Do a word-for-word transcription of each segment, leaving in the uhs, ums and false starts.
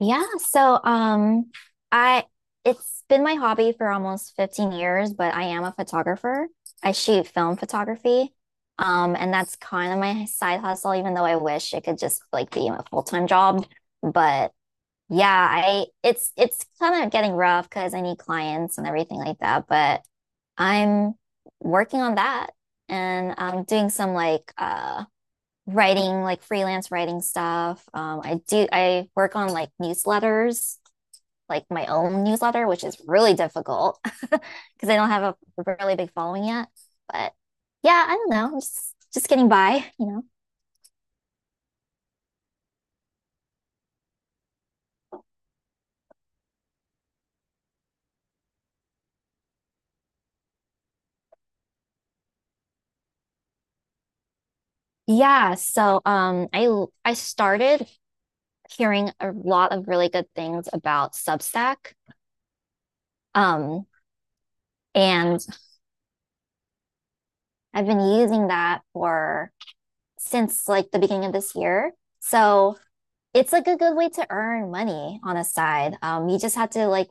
Yeah, so um I it's been my hobby for almost fifteen years, but I am a photographer. I shoot film photography. Um and that's kind of my side hustle even though I wish it could just like be a full-time job, but yeah, I it's it's kind of getting rough because I need clients and everything like that, but I'm working on that and I'm doing some like uh writing like freelance writing stuff. Um, I do I work on like newsletters, like my own newsletter, which is really difficult because I don't have a really big following yet. But yeah, I don't know, just just getting by, you know. Yeah, so um I I started hearing a lot of really good things about Substack. Um and I've been using that for since like the beginning of this year. So it's like a good way to earn money on a side. Um, you just have to like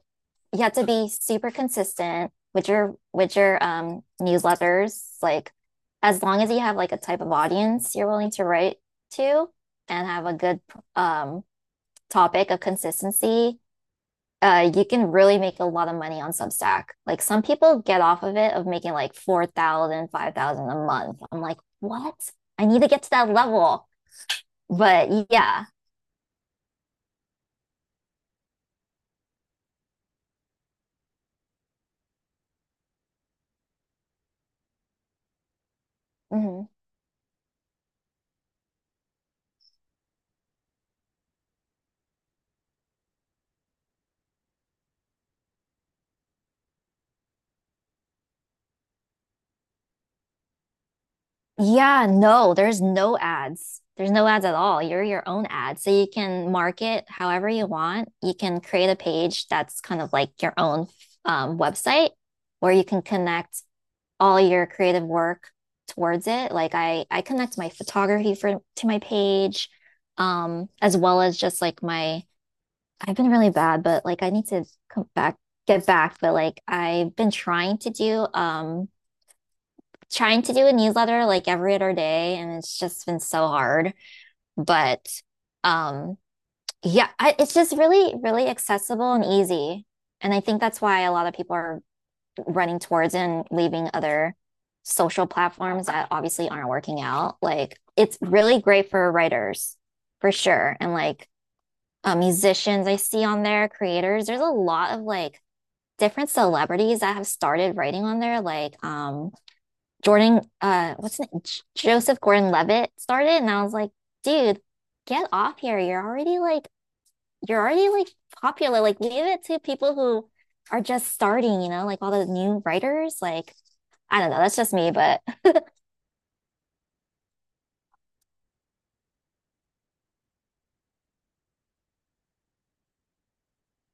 you have to be super consistent with your with your um newsletters. Like as long as you have like a type of audience you're willing to write to and have a good um topic of consistency, uh you can really make a lot of money on Substack. Like some people get off of it of making like four thousand, five thousand a month. I'm like, "What? I need to get to that level." But yeah. Mhm. Yeah, no, there's no ads. There's no ads at all. You're your own ad. So you can market however you want. You can create a page that's kind of like your own um, website where you can connect all your creative work towards it. Like I I connect my photography for to my page, um, as well as just like my I've been really bad, but like I need to come back, get back, but like I've been trying to do um trying to do a newsletter like every other day, and it's just been so hard. But um, yeah, I, it's just really, really accessible and easy. And I think that's why a lot of people are running towards and leaving other social platforms that obviously aren't working out. Like it's really great for writers for sure. And like uh, musicians I see on there, creators, there's a lot of like different celebrities that have started writing on there. Like um Jordan, uh, what's his name? J- Joseph Gordon-Levitt started, and I was like, dude, get off here. You're already like, you're already like popular. Like, leave it to people who are just starting, you know, like all the new writers. Like, I don't know, that's just me, but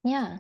yeah.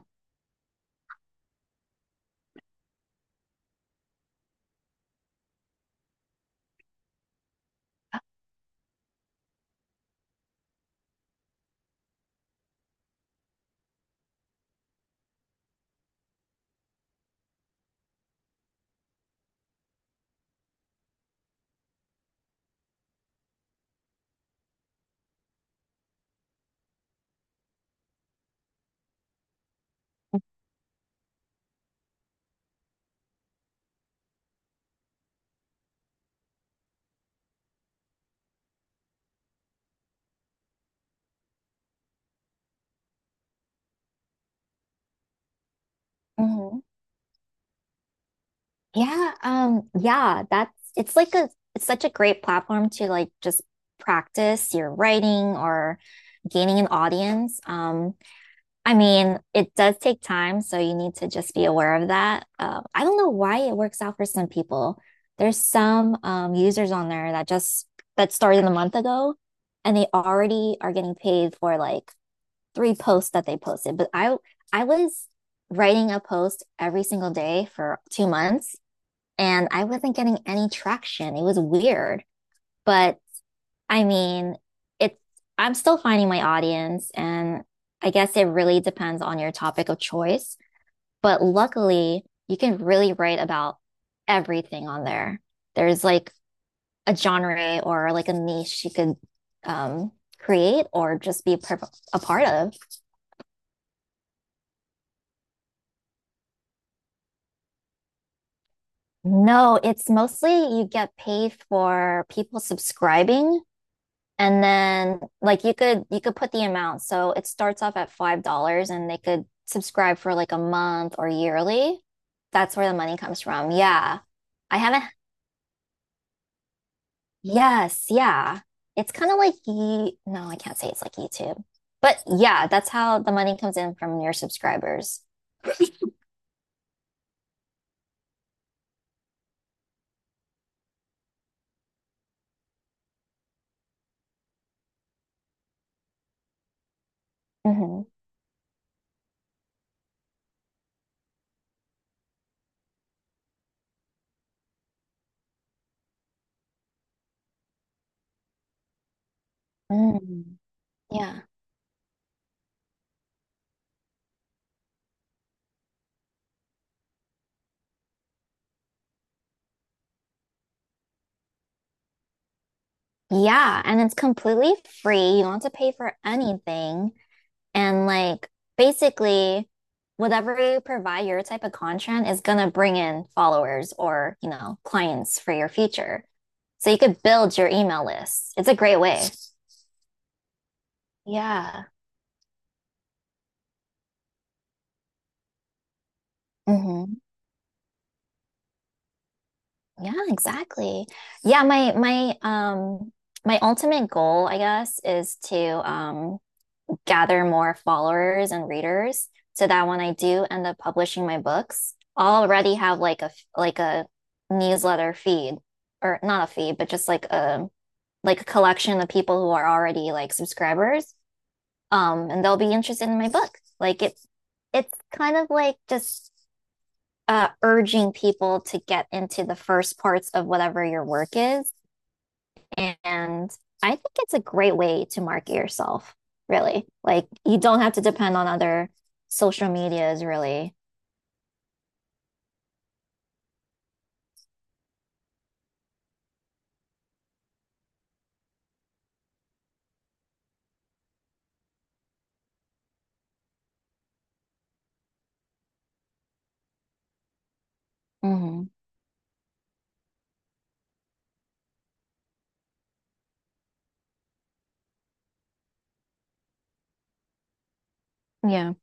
Hmm. Yeah, um, yeah, that's it's like a it's such a great platform to like just practice your writing or gaining an audience. Um, I mean, it does take time, so you need to just be aware of that. Um, I don't know why it works out for some people. There's some um, users on there that just that started a month ago, and they already are getting paid for like three posts that they posted. But I I was writing a post every single day for two months, and I wasn't getting any traction. It was weird, but I mean, it's I'm still finding my audience, and I guess it really depends on your topic of choice. But luckily, you can really write about everything on there. There's like a genre or like a niche you could um, create or just be per- a part of. No, it's mostly you get paid for people subscribing. And then like you could you could put the amount. So it starts off at five dollars and they could subscribe for like a month or yearly. That's where the money comes from. Yeah. I haven't yes, yeah. It's kind of like Ye no, I can't say it's like YouTube. But yeah, that's how the money comes in from your subscribers. Hmm. Mm. Yeah. Yeah, and it's completely free. You don't have to pay for anything. And like basically whatever you provide your type of content is gonna bring in followers or, you know, clients for your future. So you could build your email list. It's a great way. Yeah. Hmm. Yeah, exactly. Yeah, my my um my ultimate goal, I guess, is to um gather more followers and readers so that when I do end up publishing my books, I'll already have like a like a newsletter feed or not a feed, but just like a like a collection of people who are already like subscribers. Um, and they'll be interested in my book. Like it it's kind of like just uh, urging people to get into the first parts of whatever your work is and I think it's a great way to market yourself, really. Like you don't have to depend on other social medias, really. Hmm. Yeah.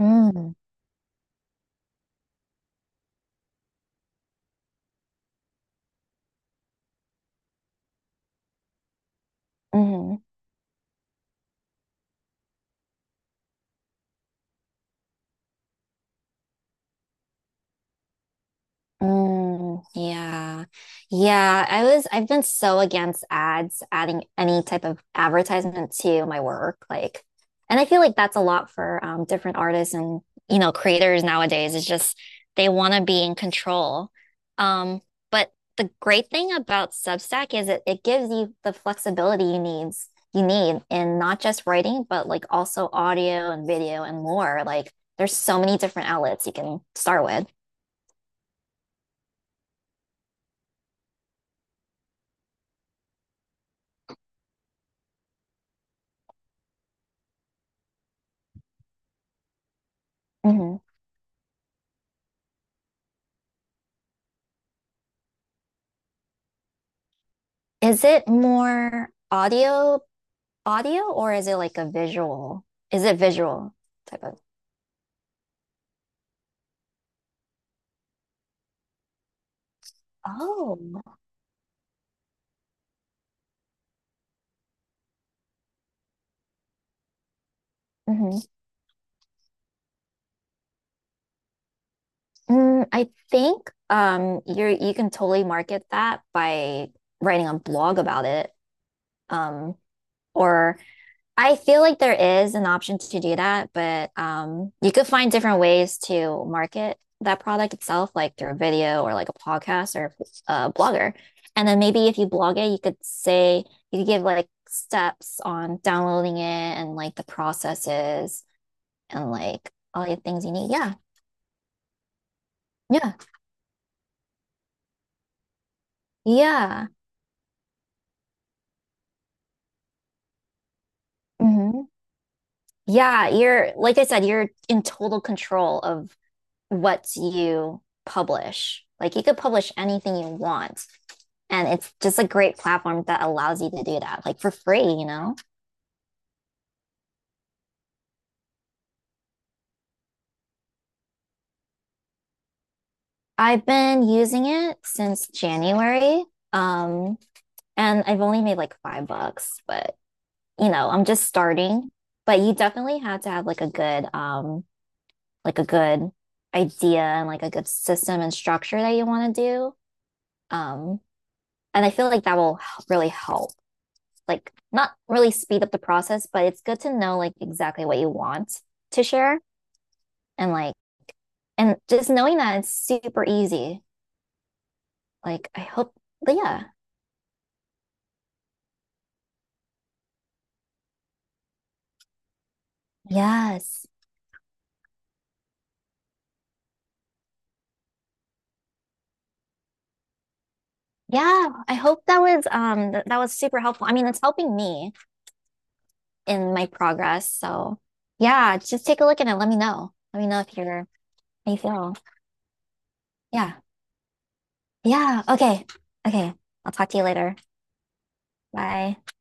Mm-hmm. Mm-hmm. Mm, yeah. Yeah, I was I've been so against ads, adding any type of advertisement to my work. Like, and I feel like that's a lot for um, different artists and, you know, creators nowadays. It's just they want to be in control. Um, but the great thing about Substack is it, it gives you the flexibility you needs you need in not just writing, but like also audio and video and more. Like, there's so many different outlets you can start with. Mm-hmm. Is it more audio audio or is it like a visual? Is it visual type of? Oh. Hmm. Mm, I think um you're you can totally market that by writing a blog about it. Um or I feel like there is an option to do that, but um, you could find different ways to market that product itself, like through a video or like a podcast or a blogger. And then maybe if you blog it, you could say, you could give like steps on downloading it and like the processes and like all the things you need. Yeah. Yeah. Yeah. Hmm. Yeah. You're, like I said, you're in total control of what you publish. Like you could publish anything you want. And it's just a great platform that allows you to do that, like for free, you know? I've been using it since January. Um, and I've only made like five bucks, but you know, I'm just starting. But you definitely have to have like a good, um, like a good idea and like a good system and structure that you want to do. Um, and I feel like that will really help like not really speed up the process, but it's good to know like exactly what you want to share and like and just knowing that it's super easy. Like I hope but yeah. Yes. Yeah, I hope that was um th- that was super helpful. I mean, it's helping me in my progress. So yeah, just take a look at it. Let me know. Let me know if you're how you feel. Yeah. Yeah. Okay. Okay. I'll talk to you later. Bye.